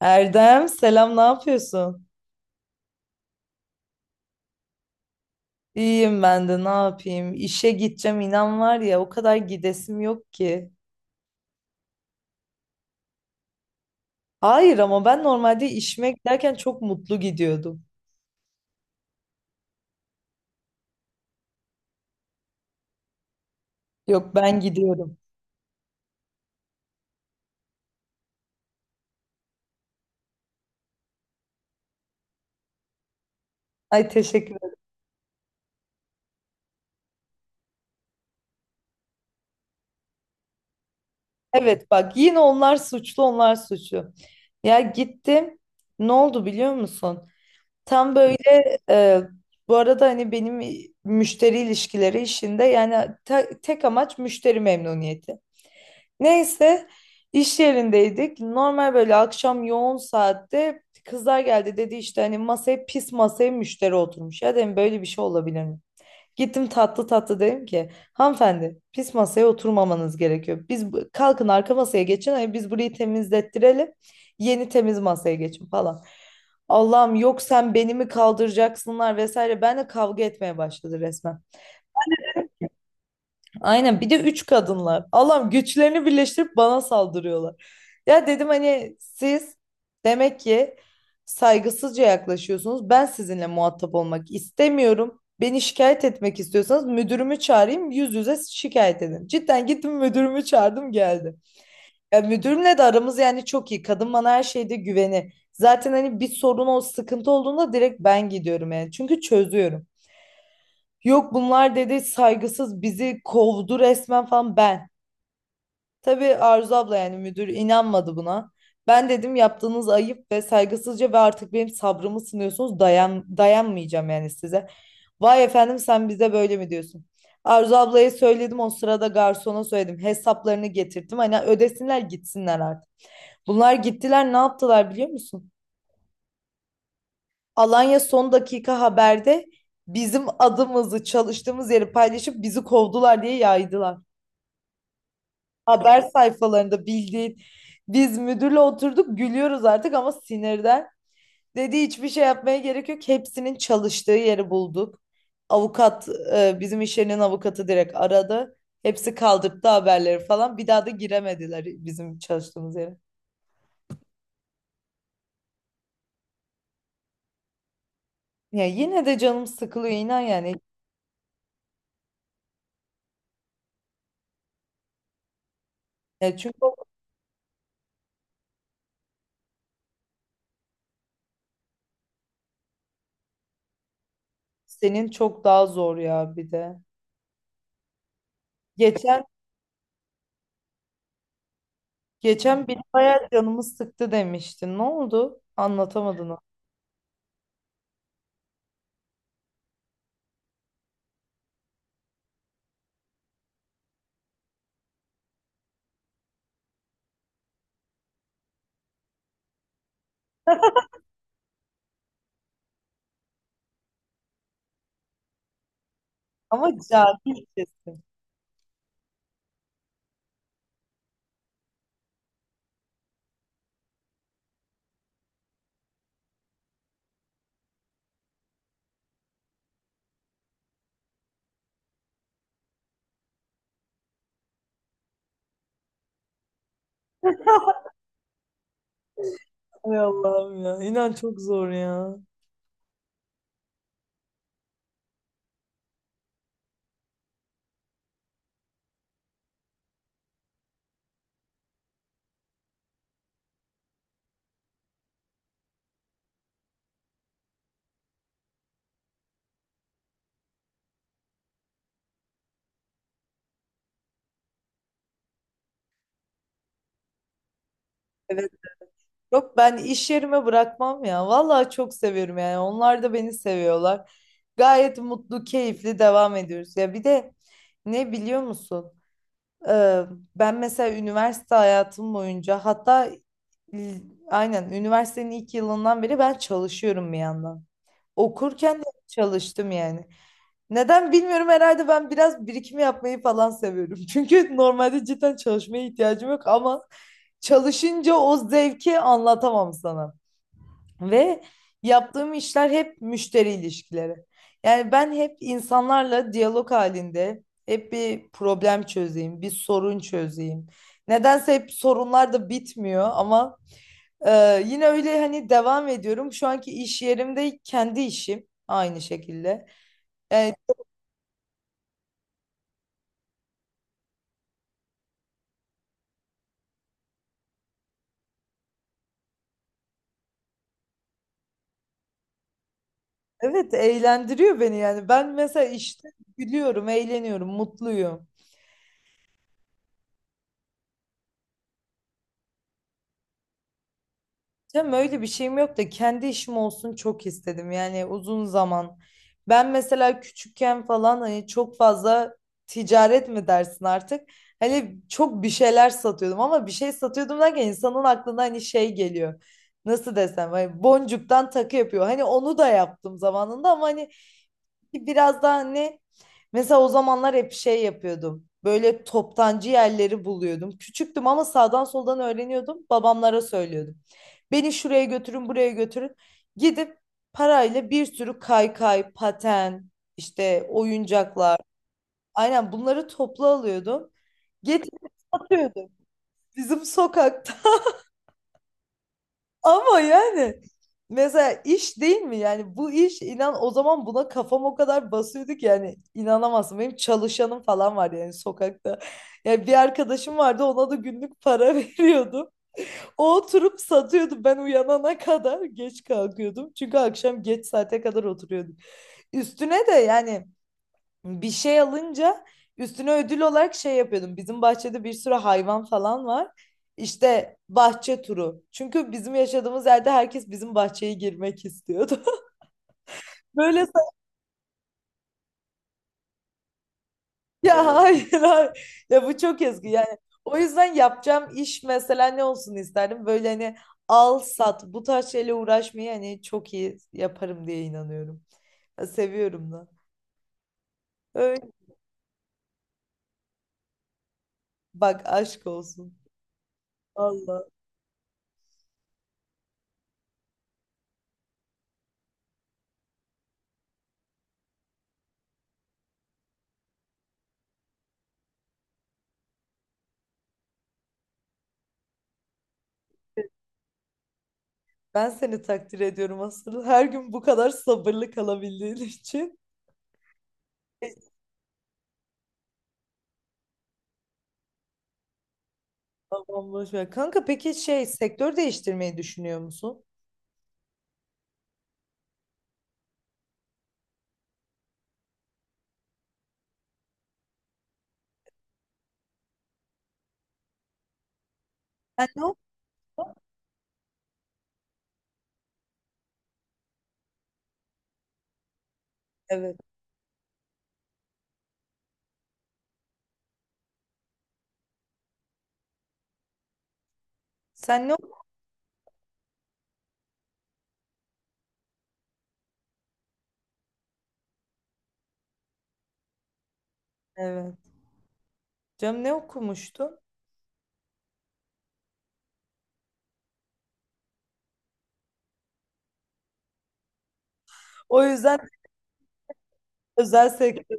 Erdem selam, ne yapıyorsun? İyiyim, ben de ne yapayım? İşe gideceğim, inan var ya, o kadar gidesim yok ki. Hayır, ama ben normalde işime giderken çok mutlu gidiyordum. Yok, ben gidiyorum. Ay, teşekkür ederim. Evet bak, yine onlar suçlu, onlar suçlu. Ya gittim, ne oldu biliyor musun? Tam böyle, e, bu arada hani benim müşteri ilişkileri işinde yani tek amaç müşteri memnuniyeti. Neyse, iş yerindeydik. Normal böyle akşam yoğun saatte kızlar geldi, dedi işte hani masaya, pis masaya müşteri oturmuş. Ya dedim, böyle bir şey olabilir mi? Gittim tatlı tatlı dedim ki, hanımefendi pis masaya oturmamanız gerekiyor. Biz kalkın arka masaya geçin, hani biz burayı temizlettirelim, yeni temiz masaya geçin falan. Allah'ım, yok sen beni mi kaldıracaksınlar vesaire. Benle kavga etmeye başladı resmen. Aynen, bir de üç kadınlar. Allah'ım, güçlerini birleştirip bana saldırıyorlar. Ya dedim hani siz demek ki saygısızca yaklaşıyorsunuz. Ben sizinle muhatap olmak istemiyorum. Beni şikayet etmek istiyorsanız müdürümü çağırayım, yüz yüze şikayet edin. Cidden gittim, müdürümü çağırdım, geldi. Ya müdürümle de aramız yani çok iyi. Kadın bana her şeyde güveni. Zaten hani bir sorun, o sıkıntı olduğunda direkt ben gidiyorum yani. Çünkü çözüyorum. Yok, bunlar dedi saygısız, bizi kovdu resmen falan ben. Tabii Arzu abla yani müdür inanmadı buna. Ben dedim, yaptığınız ayıp ve saygısızca, ve artık benim sabrımı sınıyorsunuz. Dayan, dayanmayacağım yani size. Vay efendim, sen bize böyle mi diyorsun? Arzu ablaya söyledim, o sırada garsona söyledim. Hesaplarını getirdim. Hani ödesinler, gitsinler artık. Bunlar gittiler, ne yaptılar biliyor musun? Alanya son dakika haberde bizim adımızı, çalıştığımız yeri paylaşıp bizi kovdular diye yaydılar. Haber sayfalarında bildiğin. Biz müdürle oturduk, gülüyoruz artık ama sinirden. Dedi, hiçbir şey yapmaya gerek yok. Hepsinin çalıştığı yeri bulduk. Avukat, bizim iş yerinin avukatı direkt aradı. Hepsi kaldırdı haberleri falan. Bir daha da giremediler bizim çalıştığımız yere. Ya yine de canım sıkılıyor, inan yani. Ya çünkü o, senin çok daha zor ya bir de. Geçen geçen bir bayağı canımı sıktı demiştin. Ne oldu? Anlatamadın onu. Ama cahilce. Ay Allah'ım ya. İnan çok zor ya. Evet. Yok, ben iş yerime bırakmam ya. Vallahi çok seviyorum yani. Onlar da beni seviyorlar. Gayet mutlu, keyifli devam ediyoruz. Ya bir de ne biliyor musun? Ee, ben mesela üniversite hayatım boyunca, hatta l- aynen üniversitenin ilk yılından beri ben çalışıyorum bir yandan. Okurken de çalıştım yani. Neden bilmiyorum, herhalde ben biraz birikim yapmayı falan seviyorum. Çünkü normalde cidden çalışmaya ihtiyacım yok ama çalışınca o zevki anlatamam sana. Ve yaptığım işler hep müşteri ilişkileri. Yani ben hep insanlarla diyalog halinde, hep bir problem çözeyim, bir sorun çözeyim. Nedense hep sorunlar da bitmiyor ama yine öyle hani devam ediyorum. Şu anki iş yerimde kendi işim aynı şekilde. Yani evet, eğlendiriyor beni yani. Ben mesela işte gülüyorum, eğleniyorum, mutluyum. Tam öyle bir şeyim yok da kendi işim olsun çok istedim yani uzun zaman. Ben mesela küçükken falan hani çok fazla ticaret mi dersin artık? Hani çok bir şeyler satıyordum ama bir şey satıyordum derken insanın aklına hani şey geliyor. Nasıl desem, hani boncuktan takı yapıyor. Hani onu da yaptım zamanında ama hani biraz daha hani, mesela o zamanlar hep şey yapıyordum. Böyle toptancı yerleri buluyordum. Küçüktüm ama sağdan soldan öğreniyordum. Babamlara söylüyordum. Beni şuraya götürün, buraya götürün. Gidip parayla bir sürü kaykay, paten, işte oyuncaklar. Aynen, bunları toplu alıyordum. Getirip satıyordum bizim sokakta. Ama yani mesela iş değil mi? Yani bu iş, inan o zaman buna kafam o kadar basıyordu ki yani inanamazsın. Benim çalışanım falan var yani sokakta. Yani bir arkadaşım vardı, ona da günlük para veriyordum. O oturup satıyordu, ben uyanana kadar geç kalkıyordum. Çünkü akşam geç saate kadar oturuyordum. Üstüne de yani bir şey alınca üstüne ödül olarak şey yapıyordum. Bizim bahçede bir sürü hayvan falan var. İşte bahçe turu. Çünkü bizim yaşadığımız yerde herkes bizim bahçeye girmek istiyordu. Böyle. Ya hayır, hayır. Ya bu çok yazgı. Yani o yüzden yapacağım iş mesela ne olsun isterdim. Böyle hani al sat, bu tarz şeyle uğraşmayı hani çok iyi yaparım diye inanıyorum. Ya seviyorum da. Öyle. Bak aşk olsun. Valla. Ben seni takdir ediyorum asıl. Her gün bu kadar sabırlı kalabildiğin için. Tamam, boş ver. Kanka peki şey, sektör değiştirmeyi düşünüyor musun? Sen ne ok- Evet. Sen ne ok- Evet. Canım, ne okumuştun? O yüzden özel sektör.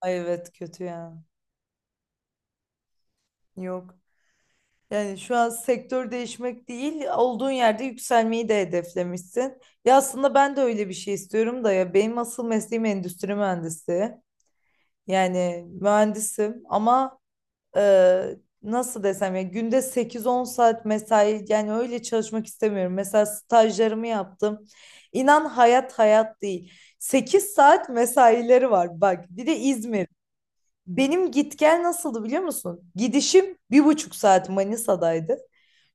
Ay evet, kötü ya. Yok. Yani şu an sektör değişmek değil, olduğun yerde yükselmeyi de hedeflemişsin. Ya aslında ben de öyle bir şey istiyorum da, ya benim asıl mesleğim endüstri mühendisi. Yani mühendisim ama e, nasıl desem, ya günde sekiz on saat mesai, yani öyle çalışmak istemiyorum. Mesela stajlarımı yaptım. İnan hayat hayat değil. 8 saat mesaileri var bak. Bir de İzmir. Benim git gel nasıldı biliyor musun? Gidişim 1,5 saat Manisa'daydı.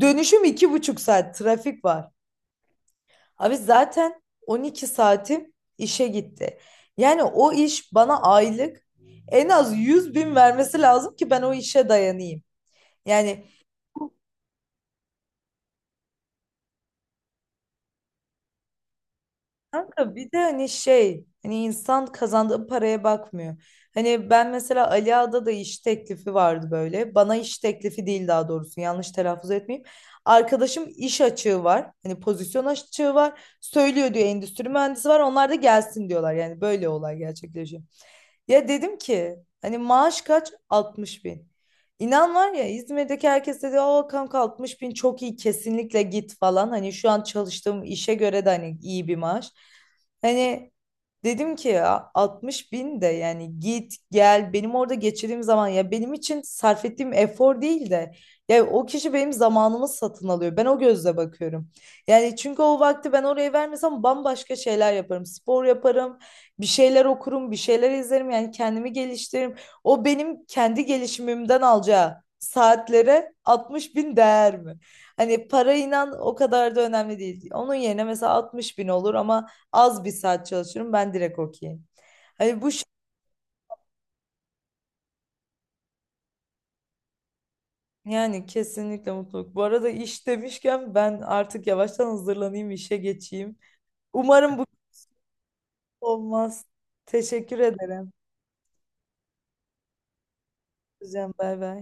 Dönüşüm 2,5 saat, trafik var. Abi zaten 12 saatim işe gitti. Yani o iş bana aylık en az 100 bin vermesi lazım ki ben o işe dayanayım. Yani Kanka, bir de hani şey, hani insan kazandığı paraya bakmıyor. Hani ben mesela Ali Ağa'da da iş teklifi vardı böyle. Bana iş teklifi değil, daha doğrusu yanlış telaffuz etmeyeyim. Arkadaşım iş açığı var. Hani pozisyon açığı var. Söylüyor diyor endüstri mühendisi var. Onlar da gelsin diyorlar. Yani böyle olay gerçekleşiyor. Ya dedim ki hani maaş kaç? 60 bin. İnan var ya, İzmir'deki herkes dedi o kanka 60 bin çok iyi, kesinlikle git falan. Hani şu an çalıştığım işe göre de hani iyi bir maaş. Hani dedim ki, ya 60 bin de yani, git gel benim orada geçirdiğim zaman, ya benim için sarf ettiğim efor değil de, ya o kişi benim zamanımı satın alıyor. Ben o gözle bakıyorum. Yani çünkü o vakti ben oraya vermesem bambaşka şeyler yaparım. Spor yaparım, bir şeyler okurum, bir şeyler izlerim, yani kendimi geliştiririm. O benim kendi gelişimimden alacağı saatlere 60 bin değer mi? Hani para, inan, o kadar da önemli değil. Onun yerine mesela 60 bin olur ama az bir saat çalışırım, ben direkt okeyim. Hani bu şey- Yani kesinlikle mutluluk. Bu arada iş demişken, ben artık yavaştan hazırlanayım, işe geçeyim. Umarım bu olmaz. Teşekkür ederim. Hocam, bay bay.